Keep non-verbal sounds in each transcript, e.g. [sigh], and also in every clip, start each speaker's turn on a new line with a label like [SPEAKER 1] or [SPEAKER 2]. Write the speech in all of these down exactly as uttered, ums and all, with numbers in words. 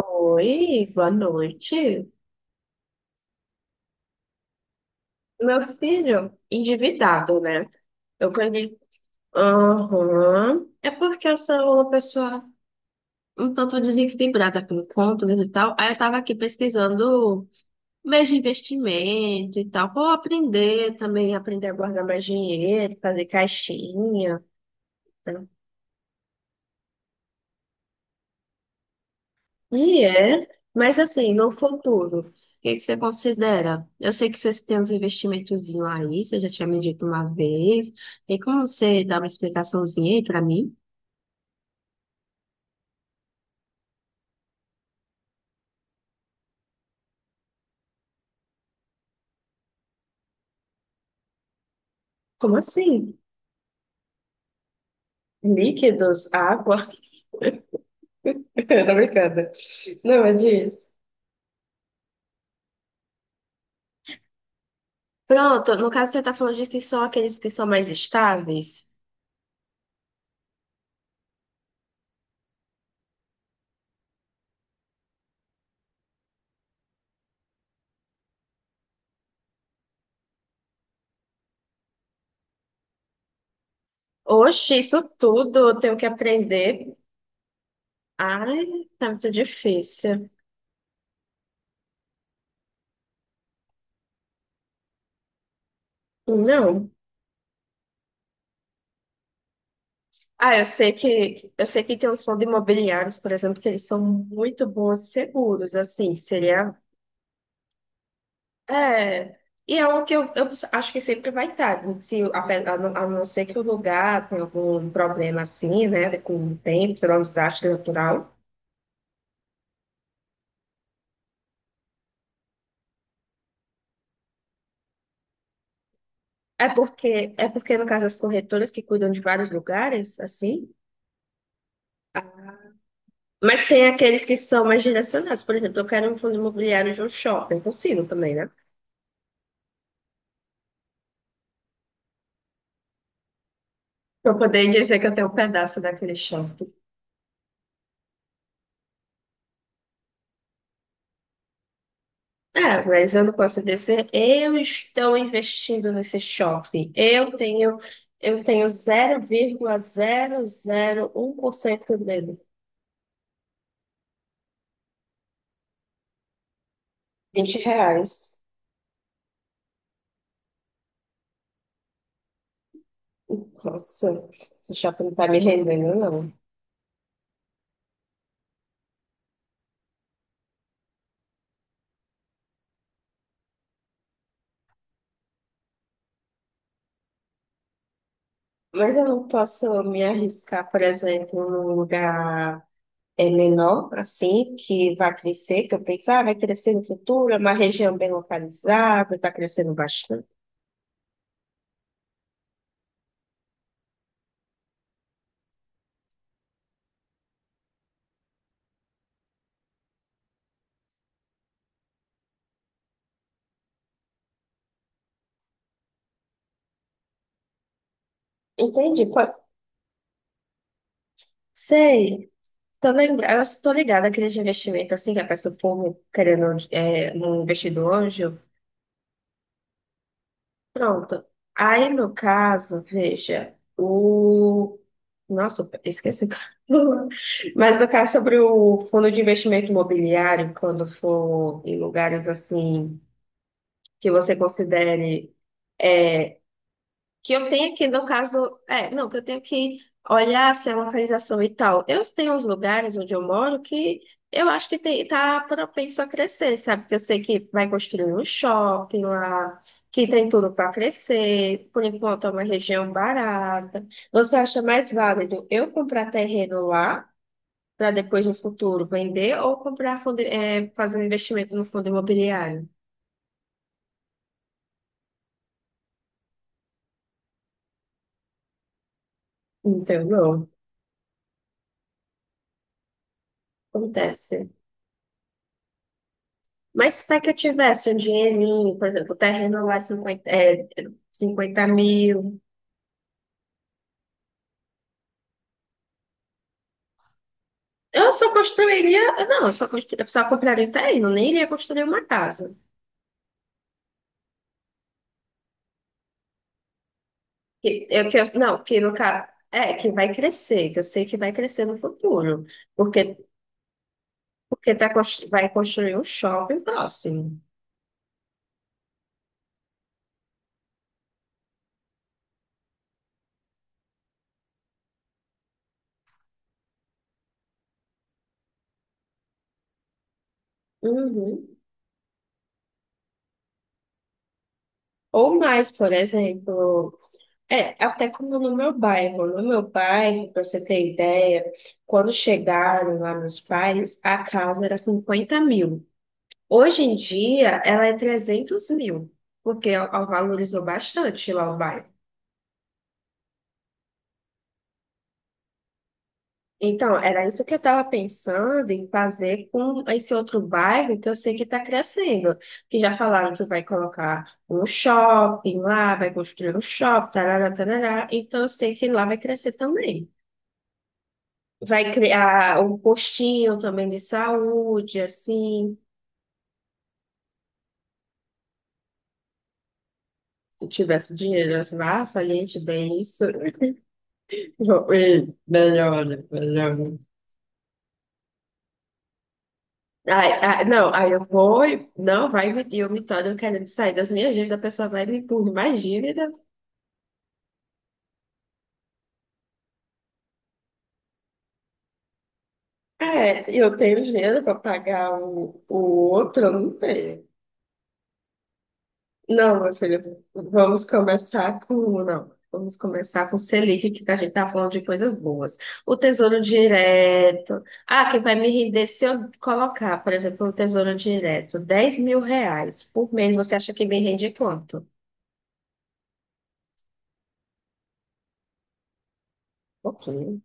[SPEAKER 1] Oi, boa noite. Meu filho, endividado, né? Eu ganhei. Aham. É porque eu sou uma pessoa um tanto desequilibrada com contas e tal. Aí eu tava aqui pesquisando meios de investimento e tal. Vou aprender também, aprender a guardar mais dinheiro, fazer caixinha. Né? E é, mas assim, no futuro, o que que você considera? Eu sei que vocês têm uns investimentozinhos aí, você já tinha me dito uma vez. Tem como você dar uma explicaçãozinha aí pra mim? Como assim? Líquidos, água? [laughs] Tá brincando. Não, é disso. Pronto, no caso você tá falando de que são aqueles que são mais estáveis. Oxe, isso tudo eu tenho que aprender. Ai, tá muito difícil. Não. Ah, eu sei que eu sei que tem uns fundos imobiliários, por exemplo, que eles são muito bons e seguros, assim, seria. É, e é o que eu, eu acho que sempre vai estar. Se, ape- a, não, a não ser que o lugar tenha algum problema assim, né? Com o tempo, sei lá, um desastre natural. É porque, é porque, no caso, as corretoras que cuidam de vários lugares, assim, mas tem aqueles que são mais direcionados. Por exemplo, eu quero um fundo imobiliário de um shopping, eu consigo também, né? Para poder dizer que eu tenho um pedaço daquele shopping. É, mas eu não posso dizer, eu estou investindo nesse shopping. Eu tenho, eu tenho zero vírgula zero zero vírgula um por cento dele. Vinte reais. Nossa, esse shopping não está me rendendo, não. Mas eu não posso me arriscar, por exemplo, num lugar é, menor, assim, que vai crescer, que eu pensar, ah, vai crescer no futuro, é uma região bem localizada, está crescendo bastante. Entende? Po- Sei. Tô lembrada, eu estou ligada àqueles investimentos assim, que a pessoa como querendo é, um investidor anjo. Pronto. Aí, no caso, veja, o. Nossa, esqueci, o que [laughs] Mas no caso sobre o fundo de investimento imobiliário, quando for em lugares assim que você considere, que eu tenho que, no caso, é, não, que eu tenho que olhar se é localização e tal. Eu tenho uns lugares onde eu moro que eu acho que tem, tá propenso a crescer, sabe? Que eu sei que vai construir um shopping lá, que tem tudo para crescer, por enquanto é uma região barata. Você acha mais válido eu comprar terreno lá? Para depois no futuro vender ou comprar fundo, é, fazer um investimento no fundo imobiliário. Então, não, acontece. Mas se é que eu tivesse um dinheirinho, por exemplo, o terreno lá é cinquenta, é, 50 mil, eu só construiria, não, eu só, constru- eu só compraria o terreno, nem iria construir uma casa. Que, eu, que eu, não, que no caso, é, que vai crescer, que eu sei que vai crescer no futuro, porque, porque tá, cons- vai construir um shopping próximo. Uhum. Ou mais, por exemplo. É, até como no meu bairro. No meu bairro, para você ter ideia, quando chegaram lá meus pais, a casa era 50 mil. Hoje em dia, ela é 300 mil, porque ó, ó, valorizou bastante lá o bairro. Então, era isso que eu estava pensando em fazer com esse outro bairro que eu sei que está crescendo. Que já falaram que vai colocar um shopping lá, vai construir um shopping, tarará, tarará. Então, eu sei que lá vai crescer também. Vai criar um postinho também de saúde, assim. Se tivesse dinheiro, assim, ah, saliente bem isso. [laughs] E melhora, melhora. Ai, ai, não, aí eu vou, e- não, vai me, e eu me torno querendo sair das minhas dívidas, a pessoa vai me impor mais dívida. É, eu tenho dinheiro para pagar o, o outro, eu não tenho. Não, meu filho, vamos começar com. Não, vamos começar com Selic, que a gente tá falando de coisas boas. O Tesouro Direto. Ah, que vai me render se eu colocar, por exemplo, o Tesouro Direto, dez mil reais por mês. Você acha que me rende quanto? Um pouquinho.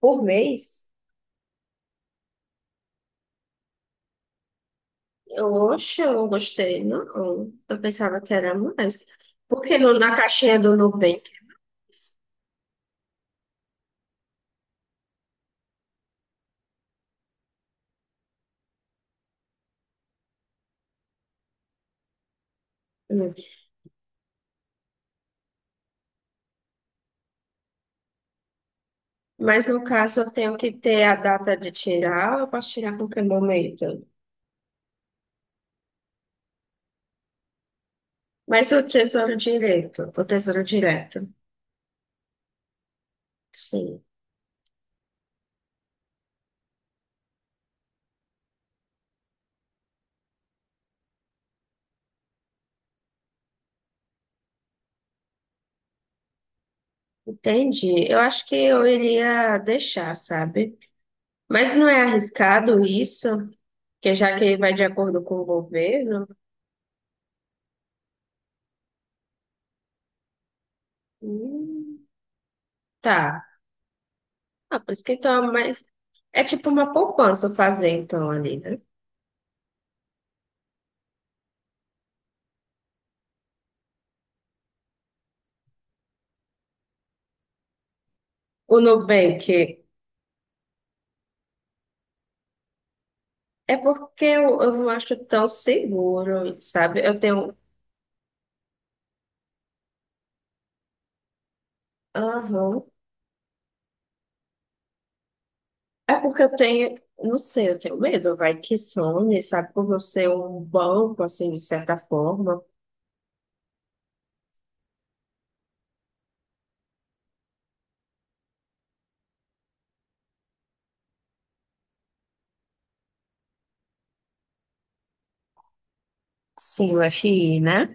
[SPEAKER 1] Por mês? Eu, oxe, eu não gostei. Não, eu pensava que era mais. Porque no, na caixinha do Nubank. Hum. Mas no caso, eu tenho que ter a data de tirar, ou eu posso tirar a qualquer momento? Mas o tesouro direito, o tesouro direto, sim. Entendi. Eu acho que eu iria deixar, sabe? Mas não é arriscado isso? Porque já que vai de acordo com o governo, hum, tá. Ah, por isso que então, mas é tipo uma poupança fazer então ali, né? O Nubank é porque eu, eu não acho tão seguro, sabe? Eu tenho. Aham. É porque eu tenho, não sei, eu tenho medo, vai que some, sabe? Por eu ser um banco, assim, de certa forma. Sim, o F I, né?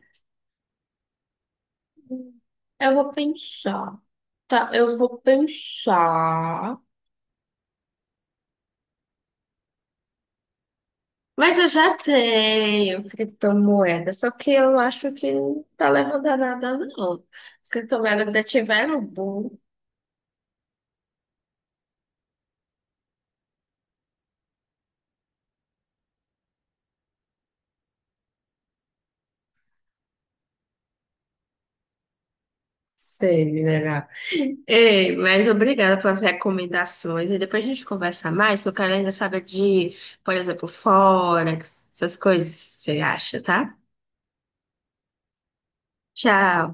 [SPEAKER 1] Eu vou pensar. Tá, eu vou pensar. Mas eu já tenho criptomoeda, só que eu acho que não tá levando a nada, não. As criptomoedas ainda tiveram boom. Sei, né? Ei, mas obrigada pelas recomendações. E depois a gente conversa mais, que eu quero ainda saber de, por exemplo, Forex, essas coisas que você acha, tá? Tchau.